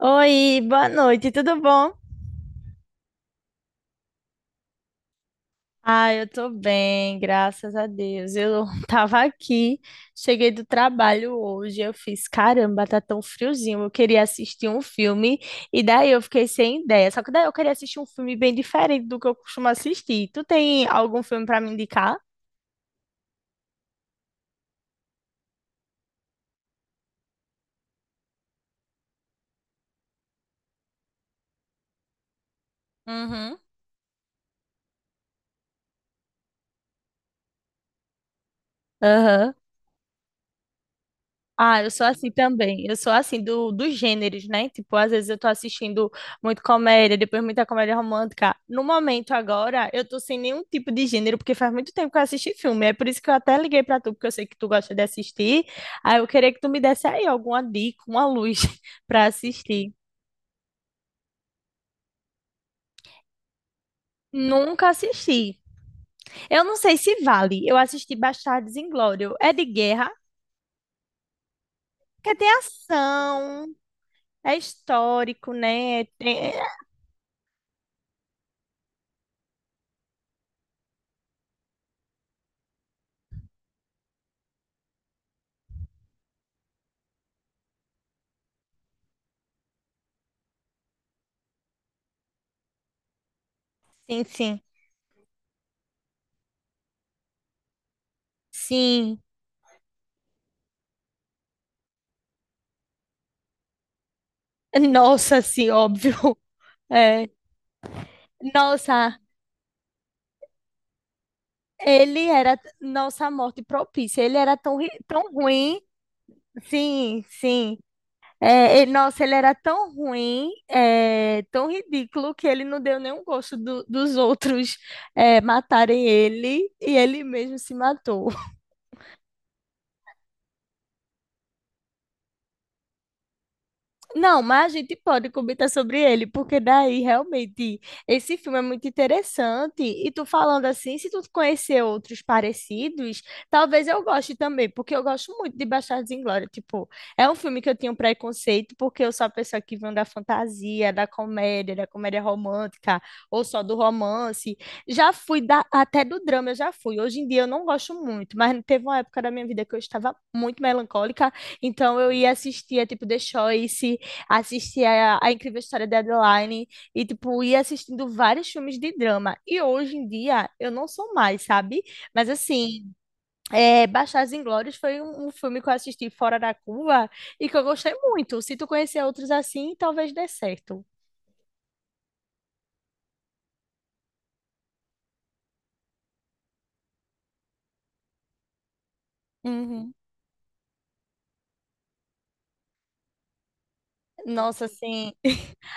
Oi, boa noite, tudo bom? Ah, eu tô bem, graças a Deus. Eu tava aqui, cheguei do trabalho hoje, eu fiz, caramba, tá tão friozinho, eu queria assistir um filme, e daí eu fiquei sem ideia. Só que daí eu queria assistir um filme bem diferente do que eu costumo assistir. Tu tem algum filme pra me indicar? Uhum. Aham. Ah, eu sou assim também. Eu sou assim dos gêneros, né? Tipo, às vezes eu tô assistindo muito comédia, depois muita comédia romântica. No momento agora, eu tô sem nenhum tipo de gênero, porque faz muito tempo que eu assisti filme. É por isso que eu até liguei pra tu, porque eu sei que tu gosta de assistir. Aí eu queria que tu me desse aí alguma dica, uma luz pra assistir. Nunca assisti. Eu não sei se vale. Eu assisti Bastardos Inglórios. É de guerra, que tem ação, é histórico, né? Sim, sim. Sim. Nossa, sim, óbvio. É. Nossa, ele era. Nossa, morte propícia. Ele era tão ruim. Sim, sim. É, nossa, ele era tão ruim, é, tão ridículo, que ele não deu nenhum gosto dos outros, é, matarem ele e ele mesmo se matou. Não, mas a gente pode comentar sobre ele, porque daí realmente esse filme é muito interessante. E tu falando assim, se tu conhecer outros parecidos, talvez eu goste também, porque eu gosto muito de Bastardos Inglórios. Tipo, é um filme que eu tenho um preconceito, porque eu sou a pessoa que vem da fantasia, da comédia romântica, ou só do romance. Já fui até do drama, eu já fui. Hoje em dia eu não gosto muito, mas teve uma época da minha vida que eu estava muito melancólica, então eu ia assistir, é tipo, The Choice, assistia a Incrível História de Adeline e, tipo, ia assistindo vários filmes de drama. E hoje em dia eu não sou mais, sabe? Mas assim, é, Bastardos Inglórios foi um filme que eu assisti fora da curva e que eu gostei muito. Se tu conhecer outros assim, talvez dê certo. Uhum. Nossa, assim,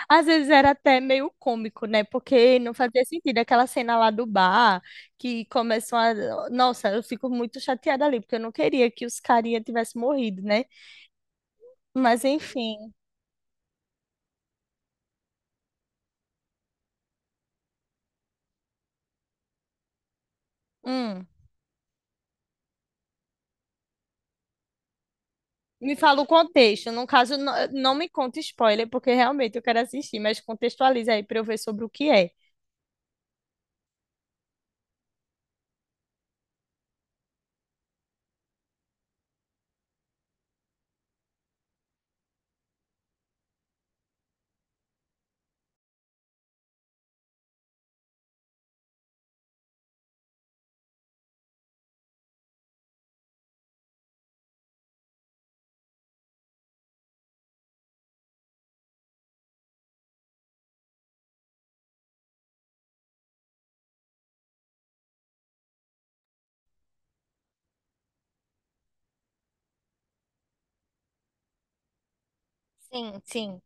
às vezes era até meio cômico, né? Porque não fazia sentido aquela cena lá do bar que começam a. Nossa, eu fico muito chateada ali, porque eu não queria que os carinha tivessem morrido, né? Mas enfim, hum. Me fala o contexto. No caso, não, não me conta spoiler, porque realmente eu quero assistir, mas contextualiza aí para eu ver sobre o que é. Sim, sim.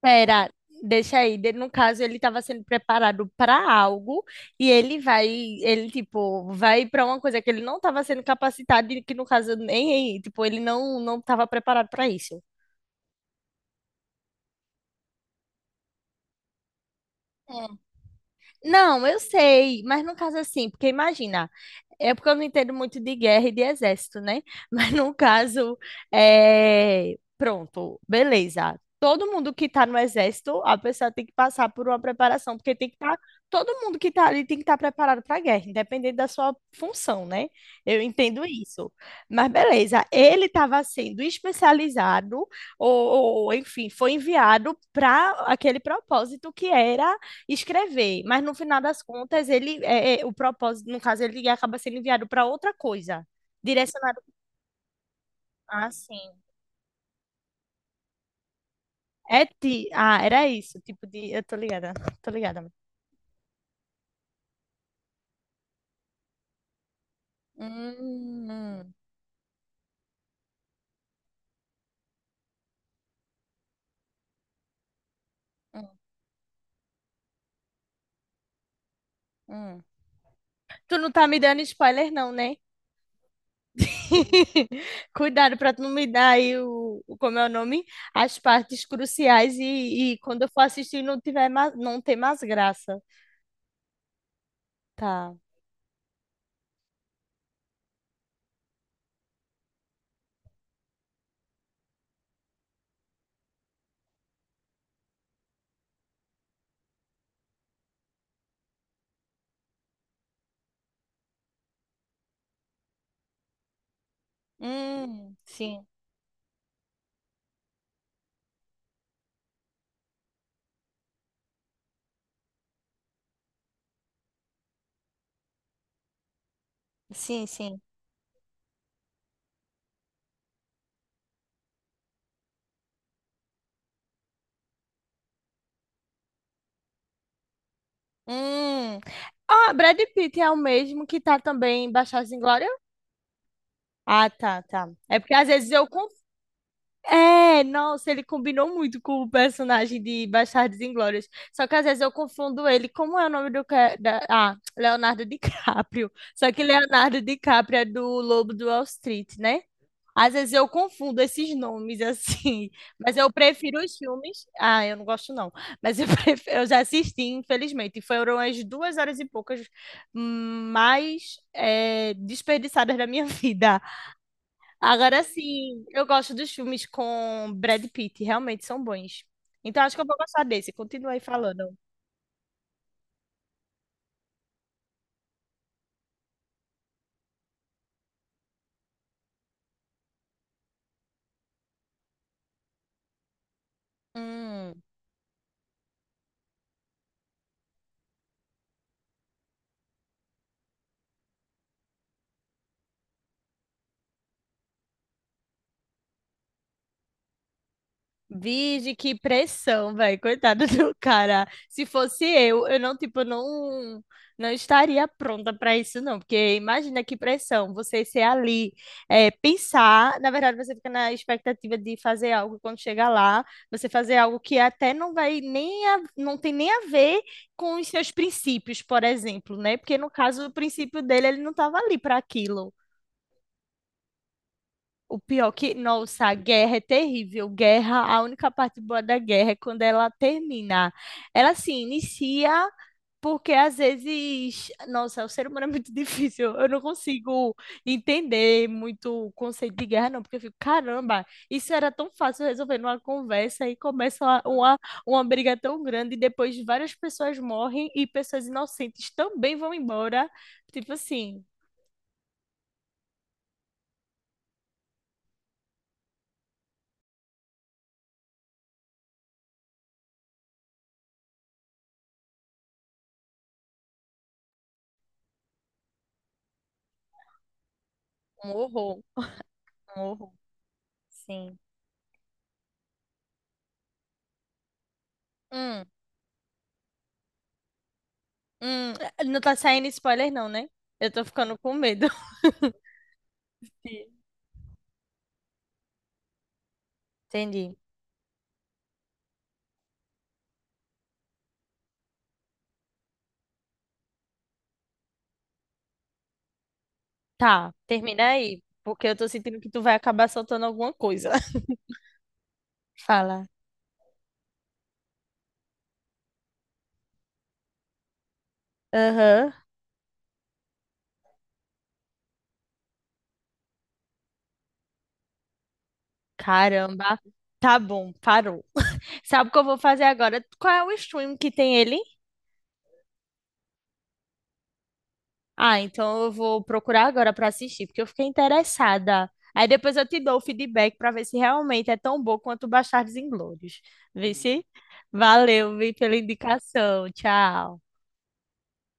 Pera, deixa aí. No caso, ele estava sendo preparado para algo e ele vai, ele tipo, vai para uma coisa que ele não estava sendo capacitado e que no caso nem, tipo, ele não estava preparado para isso. Não, eu sei, mas no caso assim, porque imagina, é porque eu não entendo muito de guerra e de exército, né? Mas no caso, é... pronto, beleza. Todo mundo que está no exército, a pessoa tem que passar por uma preparação, porque tem que estar, todo mundo que está ali tem que estar preparado para a guerra, independente da sua função, né? Eu entendo isso. Mas beleza, ele estava sendo especializado enfim, foi enviado para aquele propósito que era escrever, mas no final das contas o propósito, no caso ele acaba sendo enviado para outra coisa, direcionado. Ah, sim. É ti... Ah, era isso, tipo de, eu tô ligada, tô ligada. Hum, hum, hum. Tu não tá me dando spoiler não, né? Cuidado pra tu não me dar aí como é o nome, as partes cruciais e quando eu for assistir não tiver não tem mais graça. Tá. Sim, sim, sim. Hum. Ah, Brad Pitt é o mesmo que tá também em Bastardos Inglórios? Ah, tá, tá. É porque às vezes eu conf... É, nossa, ele combinou muito com o personagem de Bastardos Inglórios. Só que às vezes eu confundo ele. Como é o nome da... Ah, Leonardo DiCaprio. Só que Leonardo DiCaprio é do Lobo do Wall Street, né? Às vezes eu confundo esses nomes assim, mas eu prefiro os filmes. Ah, eu não gosto não, mas eu, pref... eu já assisti, infelizmente, e foram as 2 horas e poucas mais desperdiçadas da minha vida. Agora sim, eu gosto dos filmes com Brad Pitt, realmente são bons. Então acho que eu vou gostar desse. Continua aí falando. Hum. Vige, que pressão, velho. Coitado do cara. Se fosse eu não, tipo, não, não estaria pronta para isso, não. Porque imagina que pressão você ser ali, é, pensar. Na verdade, você fica na expectativa de fazer algo quando chegar lá, você fazer algo que até não vai nem não tem nem a ver com os seus princípios, por exemplo, né? Porque no caso, o princípio dele, ele não estava ali para aquilo. O pior que, nossa, a guerra é terrível. Guerra, a única parte boa da guerra é quando ela termina. Ela se inicia porque às vezes, nossa, o ser humano é muito difícil. Eu não consigo entender muito o conceito de guerra, não, porque eu fico, caramba, isso era tão fácil resolver numa conversa e começa uma briga tão grande e depois várias pessoas morrem e pessoas inocentes também vão embora. Tipo assim, um horror, um horror. Sim. Hum. Hum, não tá saindo spoiler, não, né? Eu tô ficando com medo. Sim. Entendi. Tá, termina aí, porque eu tô sentindo que tu vai acabar soltando alguma coisa. Fala. Aham. Caramba. Tá bom, parou. Sabe o que eu vou fazer agora? Qual é o stream que tem ele? Ah, então eu vou procurar agora pra assistir, porque eu fiquei interessada. Aí depois eu te dou o feedback pra ver se realmente é tão bom quanto Bastardos Inglórios. Vê se. Valeu, vi pela indicação. Tchau.